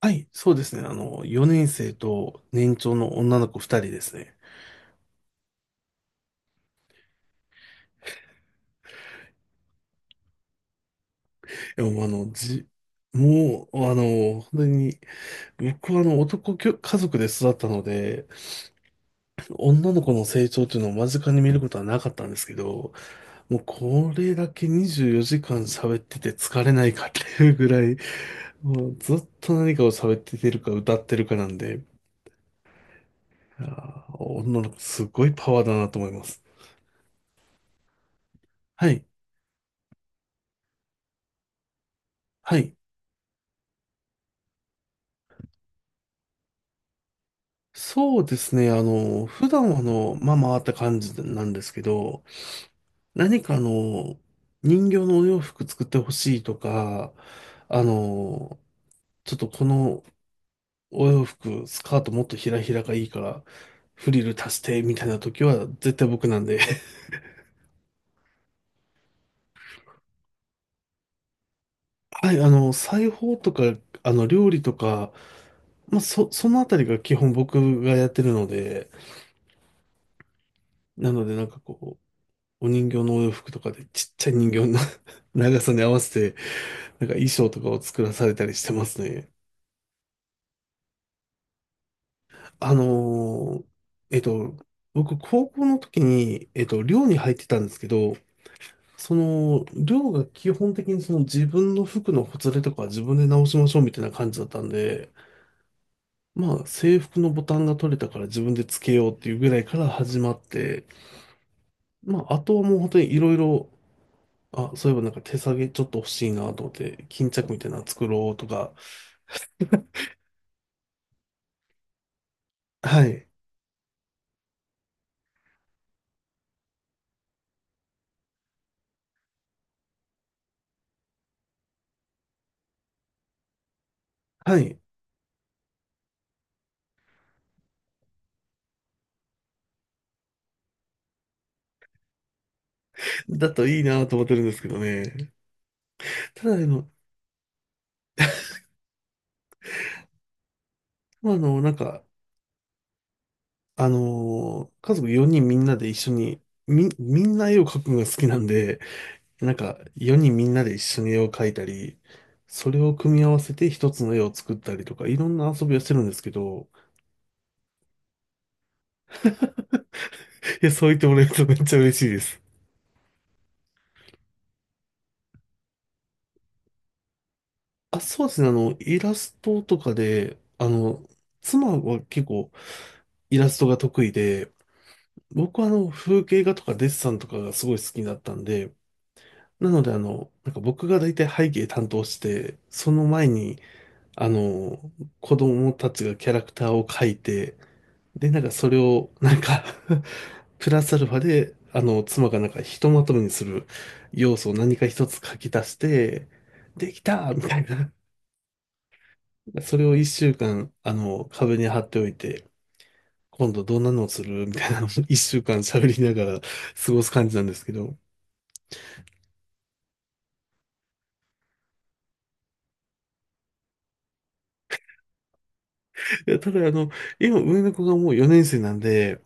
はい、そうですね。4年生と年長の女の子2人ですね。でも、もう、本当に、僕は男きょ家族で育ったので、女の子の成長というのを間近に見ることはなかったんですけど、もうこれだけ24時間喋ってて疲れないかっていうぐらい、もうずっと何かを喋っててるか歌ってるかなんで、女の子すごいパワーだなと思います。はい、はい。そうですね。普段はまあまあって感じなんですけど、何か人形のお洋服作ってほしいとか、あの、ちょっとこのお洋服、スカートもっとひらひらがいいから、フリル足してみたいな時は絶対僕なんで。はい、裁縫とか、料理とか、まあ、そのあたりが基本僕がやってるので、なのでなんかこう、お人形のお洋服とかでちっちゃい人形の 長さに合わせてなんか衣装とかを作らされたりしてますね。あのーえっと、僕、高校の時に、寮に入ってたんですけど、その、寮が基本的にその自分の服のほつれとかは自分で直しましょうみたいな感じだったんで、まあ、制服のボタンが取れたから自分でつけようっていうぐらいから始まって、まあ、あとはもう本当にいろいろ、あ、そういえばなんか手提げちょっと欲しいなと思って、巾着みたいなの作ろうとか、はい、はい、だといいなと思ってるんですけどね。ただ、まあ家族4人みんなで一緒に、みんな絵を描くのが好きなんで、なんか、4人みんなで一緒に絵を描いたり、それを組み合わせて一つの絵を作ったりとか、いろんな遊びをしてるんですけど、いや、そう言ってもらえるとめっちゃ嬉しいです。あ、そうですね、イラストとかで、妻は結構イラストが得意で、僕は風景画とかデッサンとかがすごい好きだったんで、なので、なんか僕が大体背景担当して、その前に、あの、子供たちがキャラクターを描いて、で、なんかそれを、なんか プラスアルファで、妻がなんかひとまとめにする要素を何か一つ書き出して、できたみたいな。それを一週間、壁に貼っておいて、今度どんなのをするみたいなのを一週間喋りながら過ごす感じなんですけど。いやただ、今上の子がもう4年生なんで、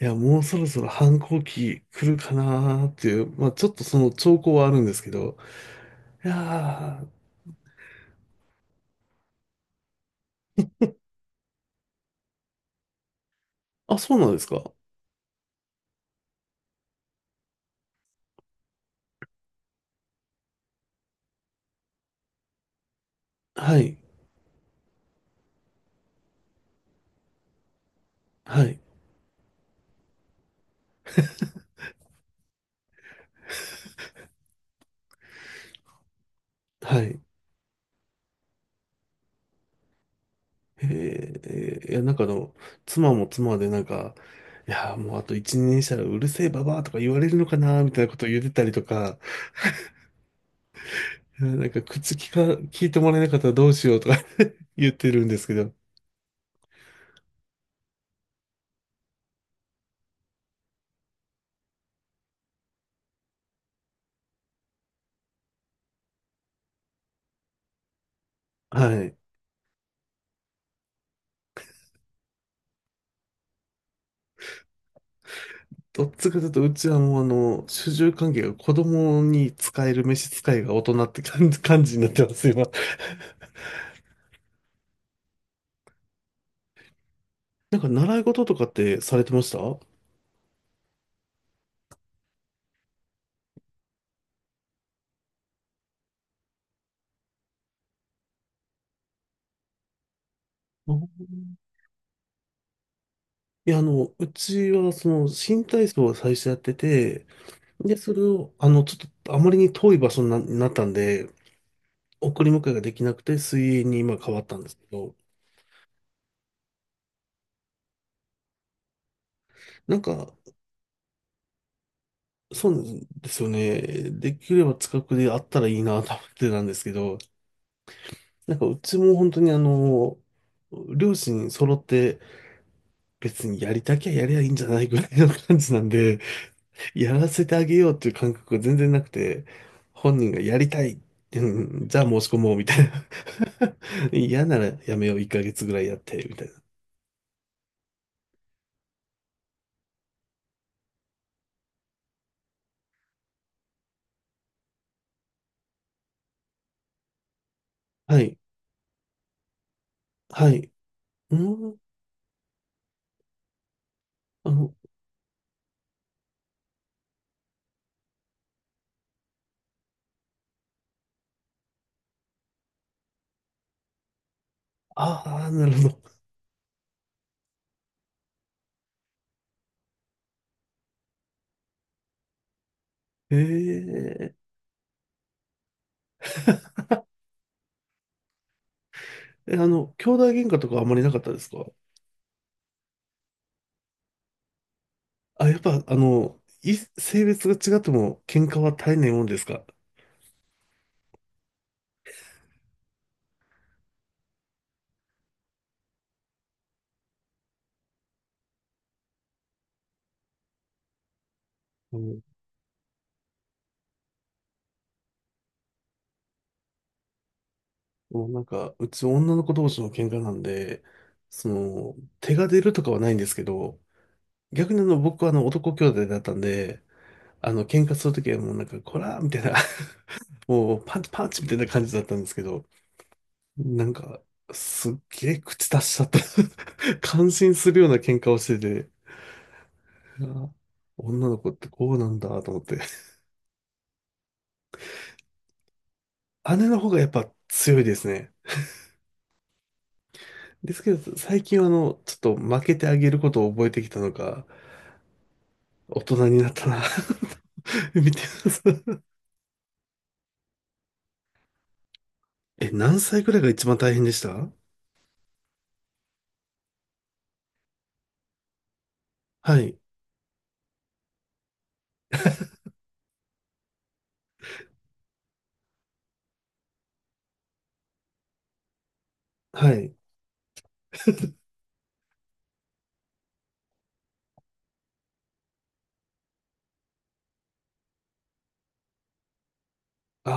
いや、もうそろそろ反抗期来るかなーっていう、まあちょっとその兆候はあるんですけど、いやー、あ、そうなんですか。はい、はい、はい。えいや、なんか妻も妻でなんか、いやー、もうあと1年したらうるせえババアとか言われるのかなーみたいなことを言ってたりとか、いやなんか口聞か、聞いてもらえなかったらどうしようとか 言ってるんですけど、はい。どっちかというと、うちはもう主従関係が子供に使える召使いが大人って感じ、になってますよ、今。なんか習い事とかってされてましたは、いいや、うちはその新体操を最初やってて、で、それを、ちょっとあまりに遠い場所になったんで、送り迎えができなくて水泳に今変わったんですけど、なんか、そうですよね。できれば近くであったらいいなと思ってたんですけど、なんかうちも本当に両親揃って別にやりたきゃやりゃいいんじゃないぐらいの感じなんで、やらせてあげようっていう感覚が全然なくて、本人がやりたい、うん、じゃあ申し込もうみたいな。嫌ならやめよう、1ヶ月ぐらいやって、みたいな。はい、はい。うん、あの、ああ、なるほど。へえ、え、兄弟喧嘩とかあんまりなかったですか？あ、やっぱ、性別が違っても喧嘩は絶えないもんですか？うん。もうなんか、うち女の子同士の喧嘩なんで、その、手が出るとかはないんですけど、逆に僕は男兄弟だったんで、喧嘩するときはもうなんか、こらーみたいな、もうパンチパンチみたいな感じだったんですけど、なんか、すっげえ口出しちゃった 感心するような喧嘩をしてて、あー女の子ってこうなんだと思って。姉の方がやっぱ強いですね。ですけど、最近はちょっと負けてあげることを覚えてきたのか、大人になったな 見てます。え、何歳くらいが一番大変でした？はい。はい。あ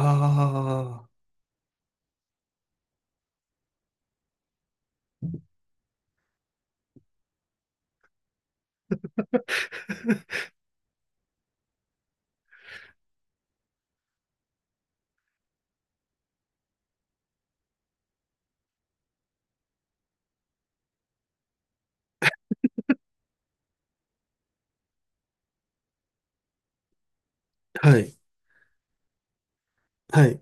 あ。はい。はい。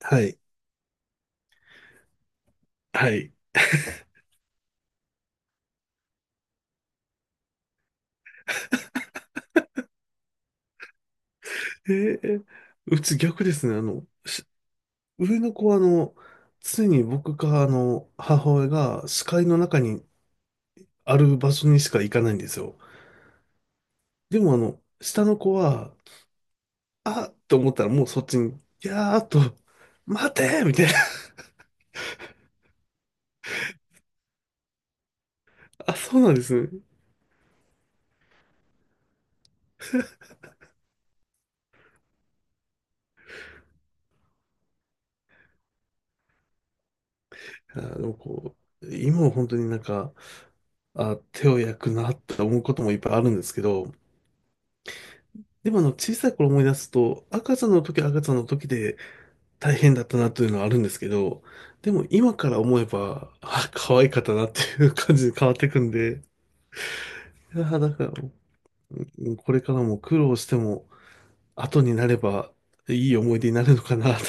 はい。はい。えー、うち逆ですね。上の子は常に僕か母親が視界の中にある場所にしか行かないんですよ。でも下の子は、あっと思ったらもうそっちに、やーっと、待てーみたい。あ、そうなんですね。あの、こ今は本当になんか、あ、手を焼くなって思うこともいっぱいあるんですけど、でも小さい頃思い出すと、赤ちゃんの時は赤ちゃんの時で大変だったなというのはあるんですけど、でも今から思えば、あ、可愛かったなっていう感じに変わっていくんで、いや、だから、うん、これからも苦労しても、後になればいい思い出になるのかなと。